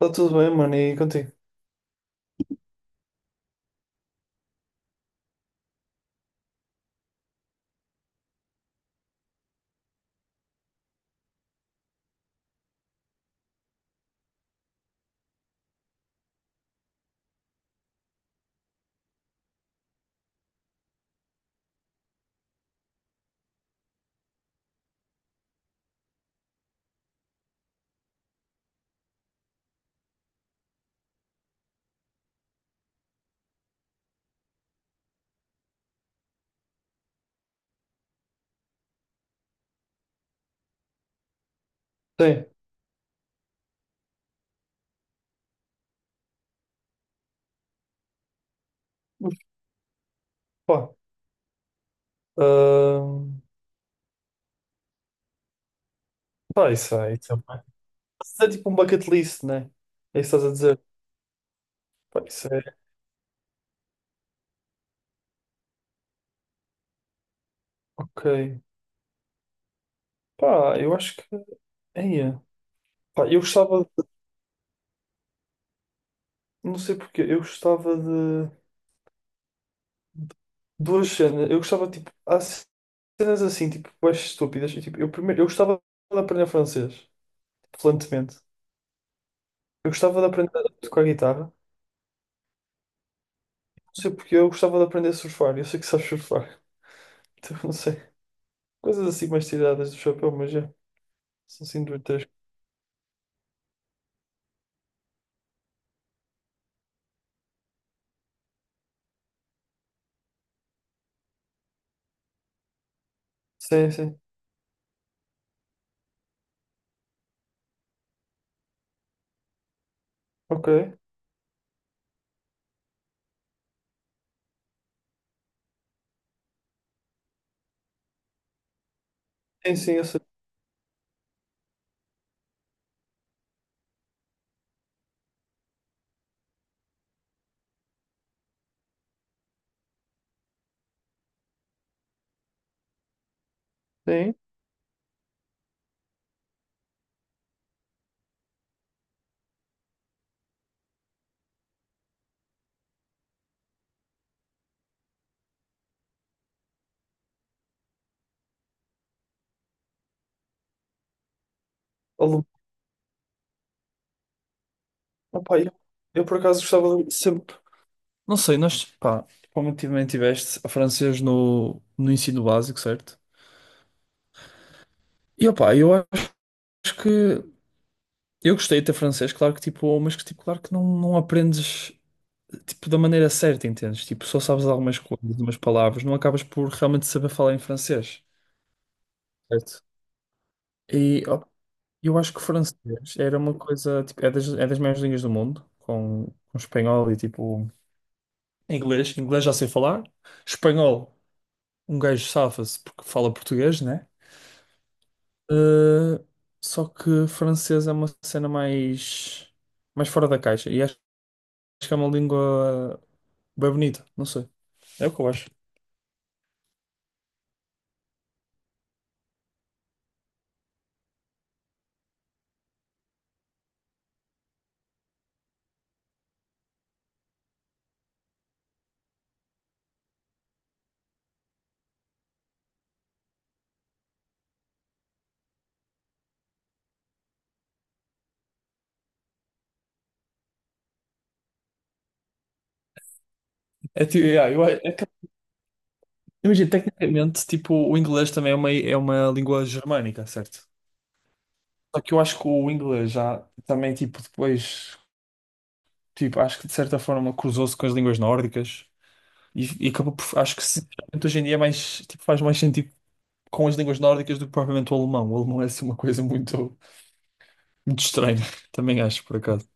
Está tudo bem, mano, e contigo? Sim. Mas, pá, ahm, pá, isso é tipo um bucket list, né? É isso que estás a dizer? Pá, isso é, ok. Pá, eu acho que, eia, pá, eu gostava, de, não sei porquê, eu gostava de duas cenas, eu gostava, tipo, há cenas assim, tipo, mais estúpidas, e, tipo, eu primeiro, eu gostava de aprender francês, fluentemente. Eu gostava de aprender a tocar guitarra, não sei porque eu gostava de aprender a surfar, eu sei que sabes surfar, então não sei. Coisas assim mais tiradas do chapéu, mas é. Sim, sem sim, sim. Ok. Sim, sim, eu sei. Sim. Alu- Opa, eu por acaso gostava de sempre. Não sei, nós, pá, provavelmente tiveste a francês no ensino básico, certo? E opá, eu acho que eu gostei de ter francês, claro que tipo, mas que tipo, claro que não, não aprendes tipo da maneira certa, entendes? Tipo, só sabes algumas coisas, algumas palavras, não acabas por realmente saber falar em francês, certo? E ó, eu acho que o francês era uma coisa, tipo, é das maiores línguas do mundo, com espanhol e tipo inglês. Inglês já sei falar. Espanhol, um gajo safa-se porque fala português, né? Uh, Só que francês é uma cena mais, mais fora da caixa. E acho, que é uma língua bem bonita. Não sei. É o que eu acho. É, tipo, yeah, eu, é, imagina, tecnicamente, tipo, o inglês também é uma língua germânica, certo? Só que eu acho que o inglês já também, tipo, depois, tipo, acho que de certa forma cruzou-se com as línguas nórdicas e acabou por, acho que sinceramente, hoje em dia é mais, tipo, faz mais sentido com as línguas nórdicas do que propriamente o alemão. O alemão é assim uma coisa muito, muito estranha, também acho, por acaso.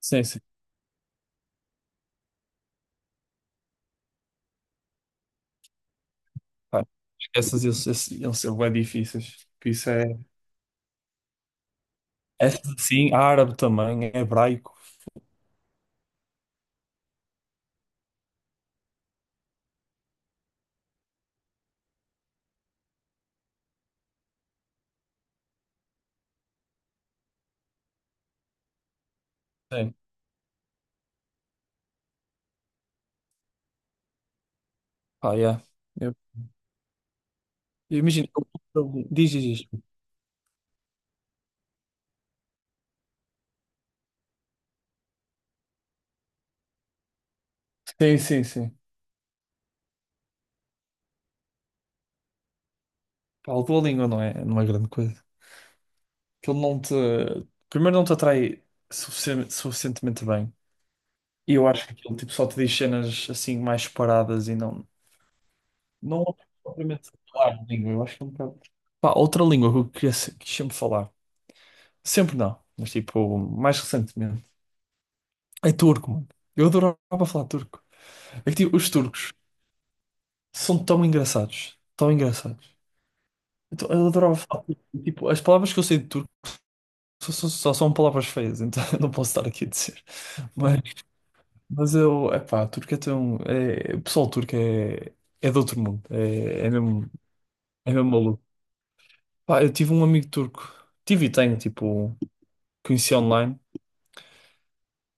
Sim, sim. Pá, esses, eles são bem difíceis. Que isso é. Essas sim, árabe também, é hebraico. Sim. Pá, yeah. Eu, eu imagino. Diz, diz, diz. Sim, sim, sim. Pá, a tua língua não é, não é grande coisa. Aquilo não te. Primeiro, não te atrai suficientemente bem. E eu acho que aquilo tipo, só te diz cenas assim mais paradas e não. Não propriamente falar a língua. Eu acho que é um bocado. Pá, outra língua que eu queria quis sempre falar. Sempre não, mas tipo, mais recentemente. É turco, mano. Eu adorava falar turco. É que, tipo, os turcos são tão engraçados. Tão engraçados. Então, eu adorava falar turco. E tipo, as palavras que eu sei de turco só são palavras feias, então eu não posso estar aqui a dizer. Mas, mas eu, epá, turco é tão. É, o pessoal turco é, é de outro mundo. É mesmo, é mesmo maluco. Pá, eu tive um amigo turco. Tive e tenho, tipo, conheci online.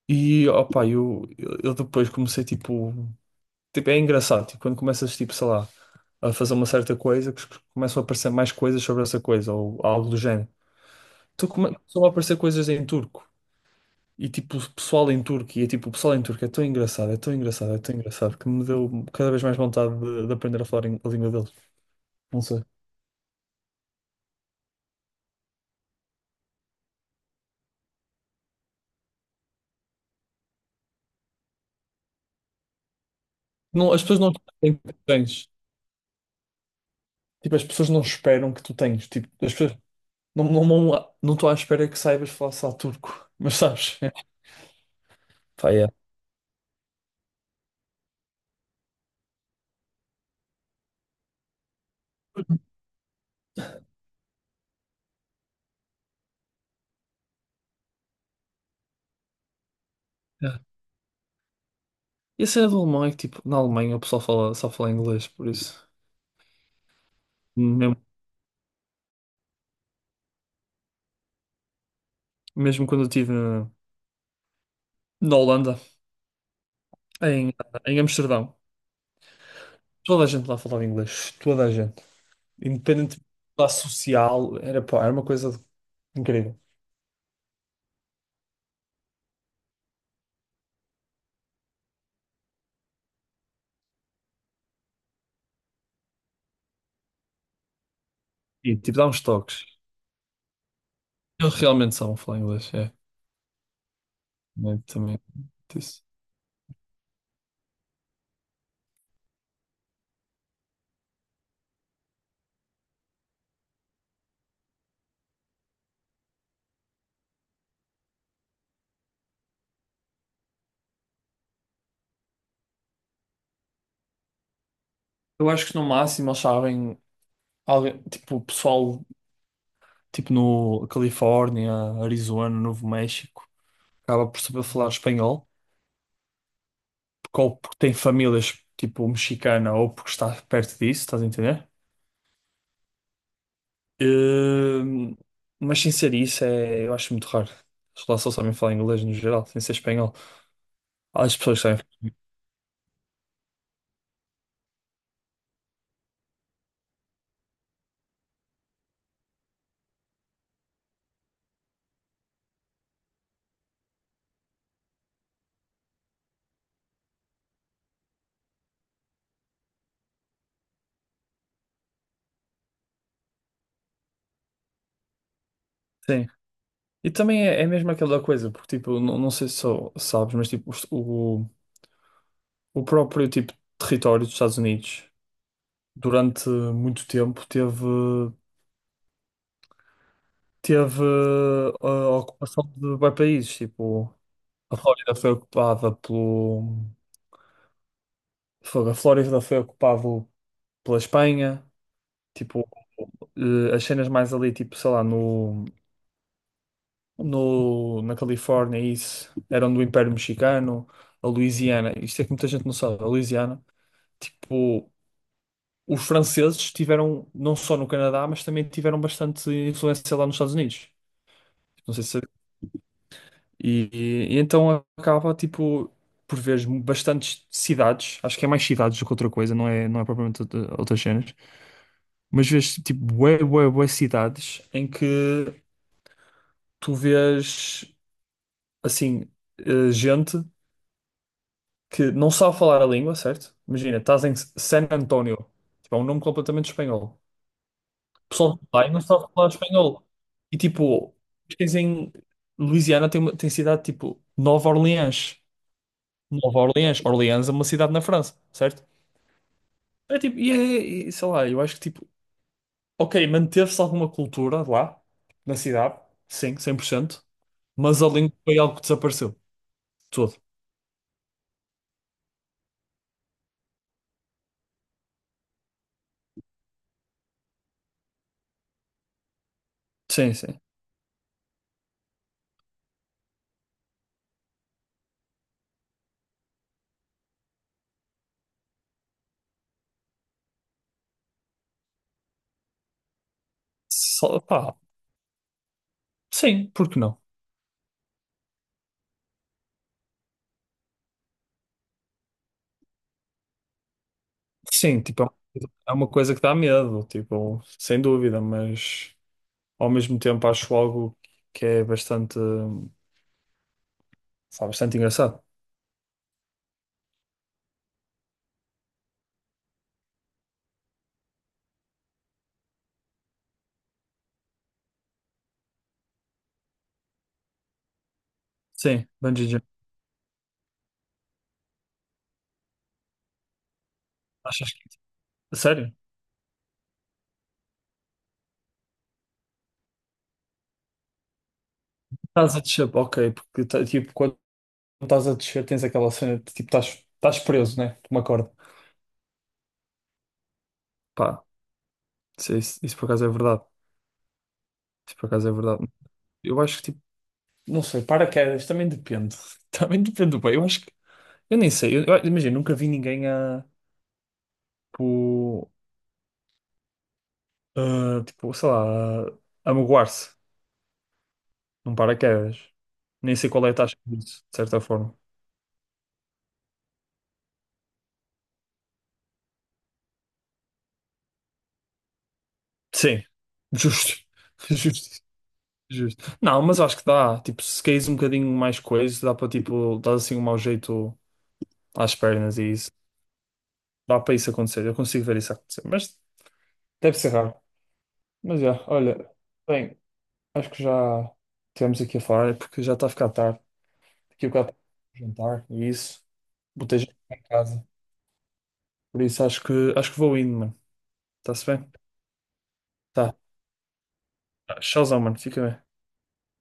E opá, eu depois comecei, tipo. Tipo, é engraçado, tipo, quando começas, tipo, sei lá, a fazer uma certa coisa que começam a aparecer mais coisas sobre essa coisa ou algo do género. Então começam a aparecer coisas em turco e tipo o pessoal em turco e é tipo o pessoal em turco é tão engraçado, é tão engraçado, é tão engraçado que me deu cada vez mais vontade de aprender a falar a língua deles. Não sei. Não, as pessoas não têm que tu tens. Tipo, as pessoas não esperam que tu tens. Tipo, as pessoas não estou à espera que saibas falar só turco, mas sabes? Pá, yeah. Yeah. E a cena do alemão é que, tipo, na Alemanha o pessoal fala, só fala inglês, por isso. Mesmo mesmo quando eu estive na, na Holanda, em, em Amsterdão. Toda a gente lá falava inglês, toda a gente. Independente da classe social, era, pá, era uma coisa incrível. E tipo, dá uns toques. Eles realmente sabem falar inglês, é. Também, também disse. Eu acho que no máximo eles sabem, alguém, tipo, o pessoal, tipo, no Califórnia, Arizona, Novo México, acaba por saber falar espanhol, porque ou porque tem famílias tipo mexicana ou porque está perto disso, estás a entender? Hum, mas sem ser isso, é, eu acho muito raro. As pessoas só sabem falar inglês no geral, sem ser espanhol. Há as pessoas que sabem. Sim. E também é, é mesmo aquela coisa, porque tipo, não, não sei se só sabes, mas tipo, o próprio tipo território dos Estados Unidos durante muito tempo teve a ocupação de bué países, tipo, a Flórida foi ocupada pelo... fogo, a Flórida foi ocupada pela Espanha, tipo, as cenas mais ali, tipo, sei lá, no, no, na Califórnia, isso, eram do Império Mexicano, a Louisiana, isto é que muita gente não sabe, a Louisiana, tipo, os franceses tiveram, não só no Canadá, mas também tiveram bastante influência lá nos Estados Unidos. Não sei se, e, e então acaba, tipo, por veres bastantes cidades, acho que é mais cidades do que outra coisa, não é, não é propriamente outras cenas, mas vês, tipo, bué, bué, bué cidades em que tu vês, assim, gente que não sabe falar a língua, certo? Imagina, estás em San Antonio, tipo, é um nome completamente espanhol. O pessoal de lá e não sabe falar espanhol. E tipo, tens em Louisiana tem, tem cidade, tipo, Nova Orleans. Nova Orleans. Orleans é uma cidade na França, certo? É tipo, e sei lá, eu acho que tipo, ok, manteve-se alguma cultura lá, na cidade, sim, 100%. Mas a língua foi algo que desapareceu, tudo. Sim, sim. Só, pá, sim, porque não? Sim, tipo, é uma coisa, é uma coisa que dá medo, tipo, sem dúvida, mas ao mesmo tempo acho algo que é bastante, sabe, bastante engraçado. Sim, bungee jump. Achas que... Sério? Estás a descer, ok, porque tipo, quando estás a descer, tens aquela cena de tipo, estás, estás preso, né? Por uma corda. Pá, isso por acaso é verdade. Isso por acaso é verdade. Eu acho que, tipo, não sei, paraquedas também depende. Também depende do bem. Eu acho que, eu nem sei. Eu, imagina, nunca vi ninguém tipo, a, tipo, sei lá, a magoar-se num paraquedas. Nem sei qual é a taxa disso, de certa forma. Sim, justo, justo, justo. Não, mas acho que dá. Tipo, se caís um bocadinho mais coisa, dá para, tipo, dar assim um mau jeito às pernas e isso. Dá para isso acontecer, eu consigo ver isso acontecer, mas deve ser raro. Mas já, olha, bem, acho que já tivemos aqui a falar, é porque já está a ficar tarde. Daqui a bocado jantar e isso, botei já em casa. Por isso acho que vou indo, mano. Está-se bem? Tá. Tchauzão, mano. Fica bem.